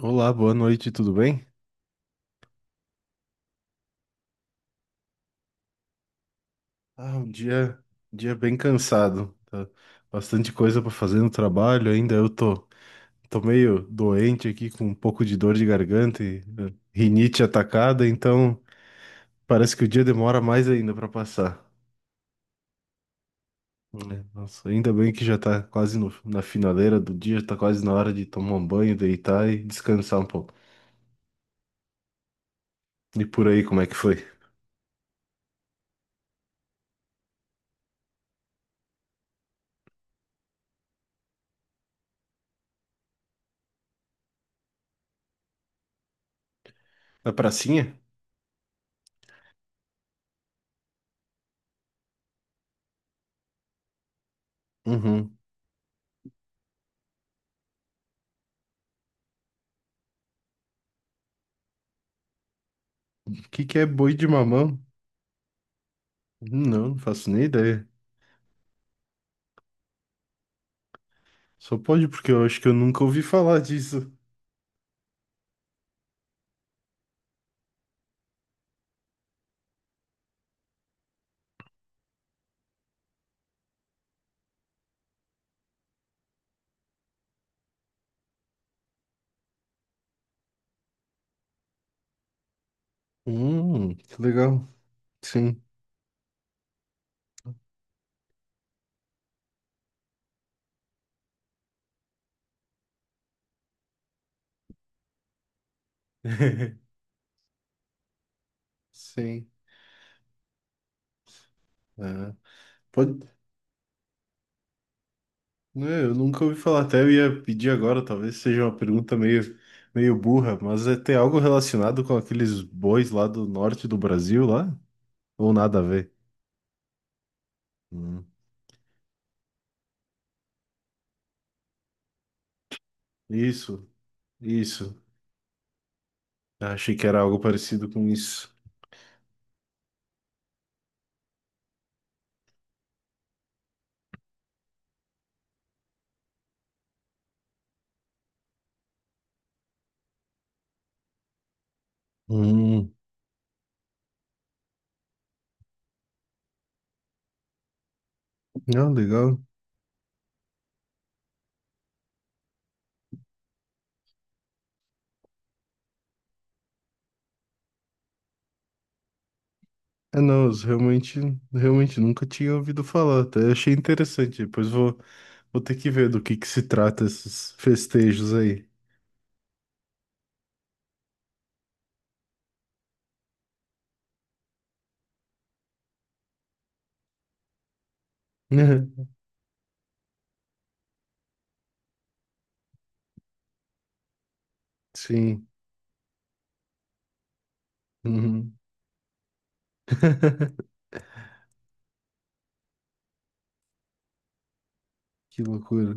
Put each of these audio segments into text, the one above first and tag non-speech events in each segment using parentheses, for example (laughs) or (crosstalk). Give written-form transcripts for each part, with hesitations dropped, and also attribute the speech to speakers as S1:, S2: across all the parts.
S1: Olá, boa noite, tudo bem? Ah, um dia bem cansado. Tá bastante coisa para fazer no trabalho ainda. Eu tô meio doente aqui, com um pouco de dor de garganta e rinite atacada, então parece que o dia demora mais ainda para passar. É, nossa, ainda bem que já tá quase na finaleira do dia, tá quase na hora de tomar um banho, deitar e descansar um pouco. E por aí, como é que foi? Na pracinha? Uhum. O que que é boi de mamão? Não, não faço nem ideia. Só pode, porque eu acho que eu nunca ouvi falar disso. Que legal. Sim, sim. É. Pode. Né, eu nunca ouvi falar. Até eu ia pedir agora, talvez seja uma pergunta meio burra, mas é ter algo relacionado com aqueles bois lá do norte do Brasil, lá? Ou nada a ver? Hum. Isso, isso. Achei que era algo parecido com isso. Hum, ah, legal. É, não, eu realmente, nunca tinha ouvido falar, até achei interessante. Depois vou ter que ver do que se trata esses festejos aí. (laughs) Sim. Uhum. (laughs) Que loucura.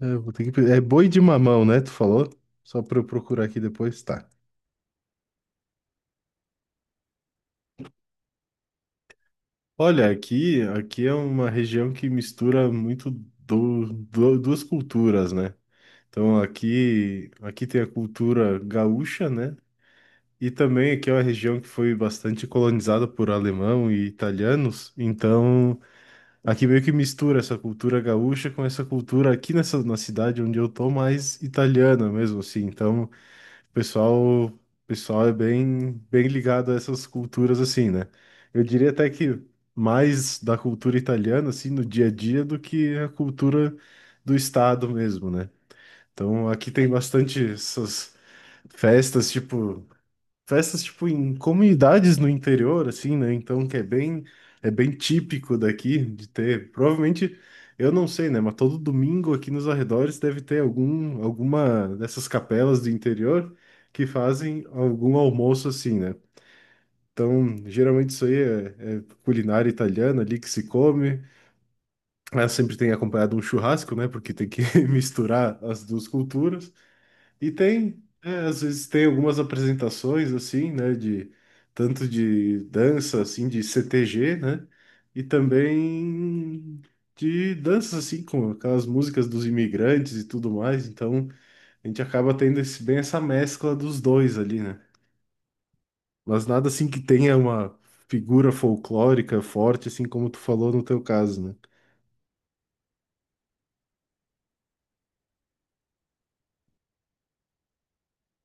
S1: É, eu vou ter que. É boi de mamão, né? Tu falou? Só para eu procurar aqui depois, tá. Olha, aqui é uma região que mistura muito duas culturas, né? Então aqui tem a cultura gaúcha, né? E também aqui é uma região que foi bastante colonizada por alemão e italianos, então aqui meio que mistura essa cultura gaúcha com essa cultura aqui nessa na cidade onde eu tô mais italiana mesmo assim. Então, pessoal, o pessoal é bem bem ligado a essas culturas assim, né? Eu diria até que mais da cultura italiana assim no dia a dia do que a cultura do estado mesmo, né? Então, aqui tem bastante essas festas, tipo festas tipo em comunidades no interior assim, né? Então que é bem típico daqui de ter, provavelmente eu não sei, né, mas todo domingo aqui nos arredores deve ter alguma dessas capelas do interior que fazem algum almoço assim, né? Então, geralmente isso aí é culinária italiana ali que se come. Ela sempre tem acompanhado um churrasco, né? Porque tem que (laughs) misturar as duas culturas. E tem, às vezes tem algumas apresentações assim, né, de tanto de dança assim de CTG né, e também de danças assim com aquelas músicas dos imigrantes e tudo mais. Então a gente acaba tendo esse, bem essa mescla dos dois ali, né. Mas nada assim que tenha uma figura folclórica forte assim como tu falou no teu caso, né.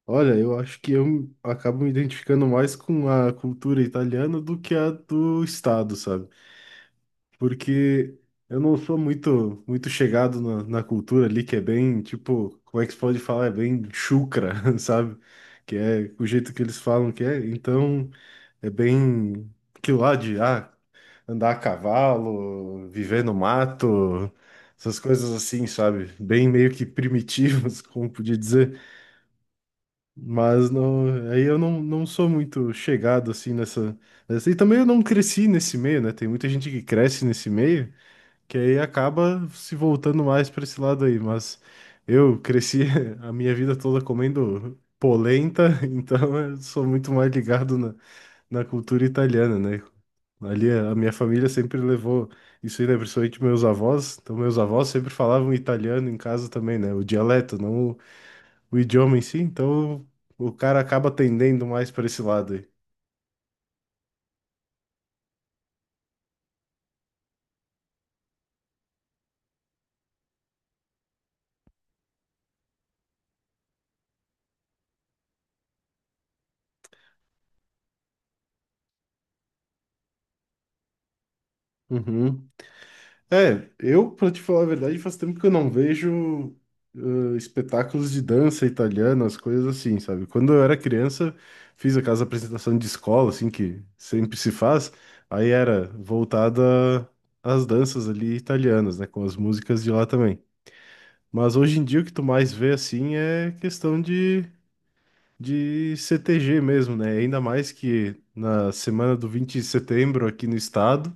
S1: Olha, eu acho que eu acabo me identificando mais com a cultura italiana do que a do estado, sabe? Porque eu não sou muito muito chegado na cultura ali, que é bem, tipo, como é que se pode falar? É bem chucra, (laughs) sabe? Que é o jeito que eles falam que é. Então, é bem que lá de andar a cavalo, viver no mato, essas coisas assim, sabe? Bem meio que primitivas, (laughs) como podia dizer. Mas não, aí eu não sou muito chegado assim nessa, nessa. E também eu não cresci nesse meio, né? Tem muita gente que cresce nesse meio que aí acaba se voltando mais para esse lado aí, mas eu cresci (laughs) a minha vida toda comendo polenta, (laughs) então eu sou muito mais ligado na cultura italiana, né? Ali a minha família sempre levou isso aí, né? Principalmente meus avós. Então, meus avós sempre falavam italiano em casa também, né? O dialeto, não o idioma em si. Então, o cara acaba tendendo mais para esse lado aí. Uhum. É, eu, pra te falar a verdade, faz tempo que eu não vejo espetáculos de dança italiana, as coisas assim, sabe? Quando eu era criança, fiz aquelas apresentações de escola, assim, que sempre se faz, aí era voltada às danças ali italianas, né? Com as músicas de lá também. Mas hoje em dia o que tu mais vê, assim, é questão de CTG mesmo, né? Ainda mais que na semana do 20 de setembro aqui no estado.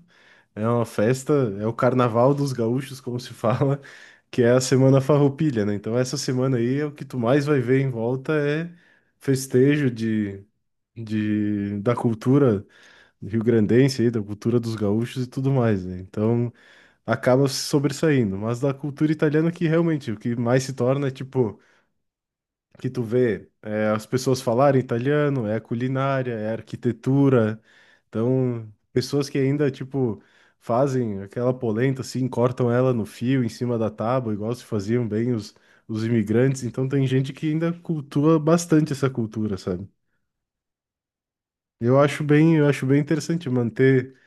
S1: É uma festa, é o carnaval dos gaúchos, como se fala, que é a semana farroupilha, né? Então essa semana aí é o que tu mais vai ver em volta é festejo de, da cultura rio-grandense aí, da cultura dos gaúchos e tudo mais, né? Então acaba se sobressaindo, mas da cultura italiana que realmente o que mais se torna é tipo que tu vê é, as pessoas falarem italiano, é a culinária, é a arquitetura. Então, pessoas que ainda, tipo, fazem aquela polenta assim, cortam ela no fio, em cima da tábua, igual se faziam bem os imigrantes. Então, tem gente que ainda cultua bastante essa cultura, sabe? Eu acho bem interessante manter,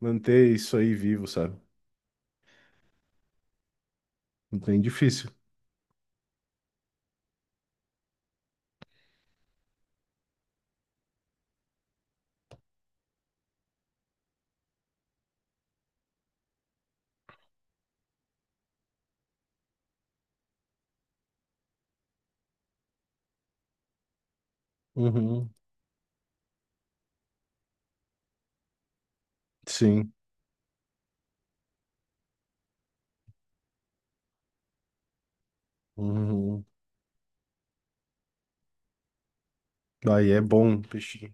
S1: manter isso aí vivo, sabe? É bem difícil. Uhum, sim. Uhum. Aí é bom, peixinho.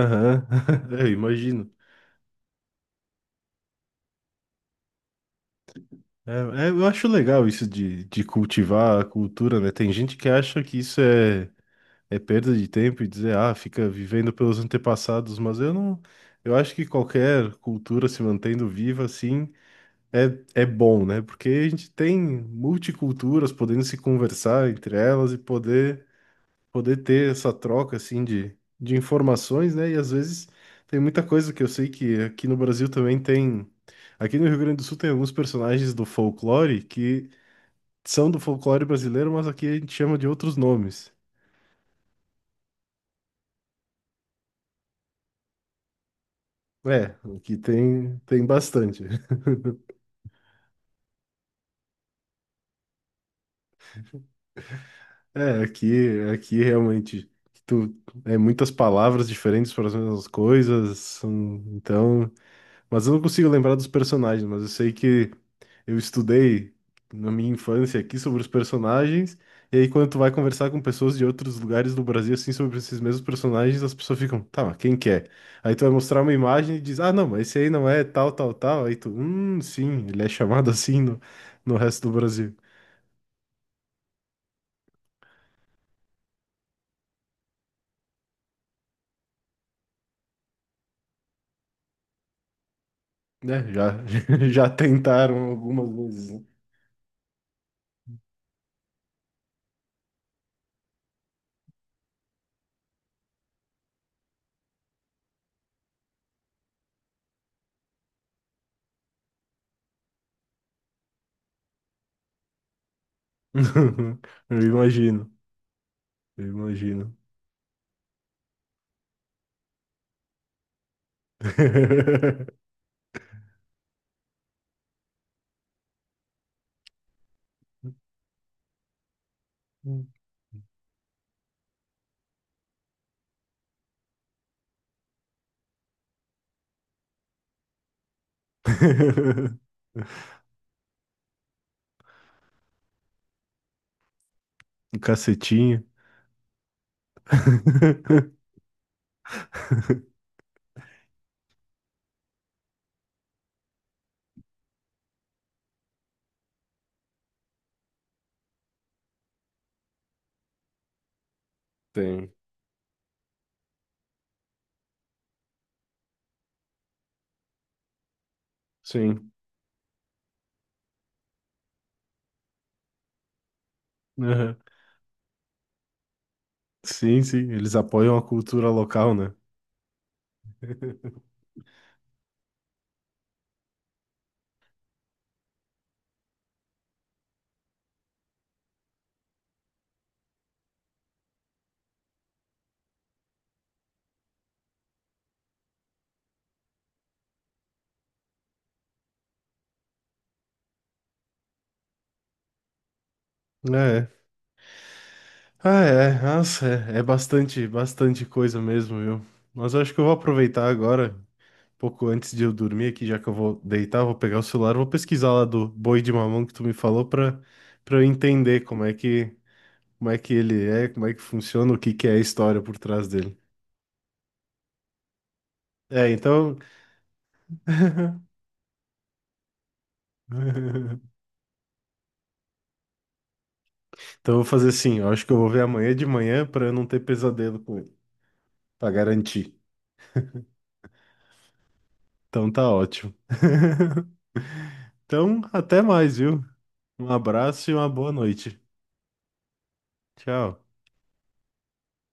S1: Aham, (laughs) eu imagino. É, é, eu acho legal isso de, cultivar a cultura, né? Tem gente que acha que isso é perda de tempo e dizer, ah, fica vivendo pelos antepassados, mas eu não. Eu acho que qualquer cultura se mantendo viva assim é bom, né? Porque a gente tem multiculturas podendo se conversar entre elas e poder ter essa troca assim de, informações, né? E às vezes tem muita coisa que eu sei que aqui no Brasil também tem. Aqui no Rio Grande do Sul tem alguns personagens do folclore que são do folclore brasileiro, mas aqui a gente chama de outros nomes. É, aqui tem bastante. (laughs) É, aqui realmente tu, é muitas palavras diferentes para as mesmas coisas, Mas eu não consigo lembrar dos personagens, mas eu sei que eu estudei na minha infância aqui sobre os personagens, e aí quando tu vai conversar com pessoas de outros lugares do Brasil, assim, sobre esses mesmos personagens, as pessoas ficam, tá, mas quem que é? Aí tu vai mostrar uma imagem e diz, ah, não, mas esse aí não é tal, tal, tal. Aí tu, sim, ele é chamado (laughs) assim no resto do Brasil. Né, já, (laughs) já tentaram algumas vezes, né? (laughs) Eu imagino, eu imagino. (laughs) (laughs) Um cacetinho. (laughs) Tem. Sim. Aham. Sim, sim. Eles apoiam a cultura local, né? (laughs) É. Ah, é. Nossa, é bastante, bastante coisa mesmo, viu? Mas eu acho que eu vou aproveitar agora, um pouco antes de eu dormir aqui, já que eu vou deitar, vou pegar o celular, vou pesquisar lá do boi de mamão que tu me falou pra, eu entender como é que ele é, como é que funciona, o que que é a história por trás dele. É, então. (laughs) Então eu vou fazer assim, eu acho que eu vou ver amanhã de manhã pra eu não ter pesadelo com ele, pra garantir. Então tá ótimo. (laughs) Então, até mais, viu? Um abraço e uma boa noite. Tchau.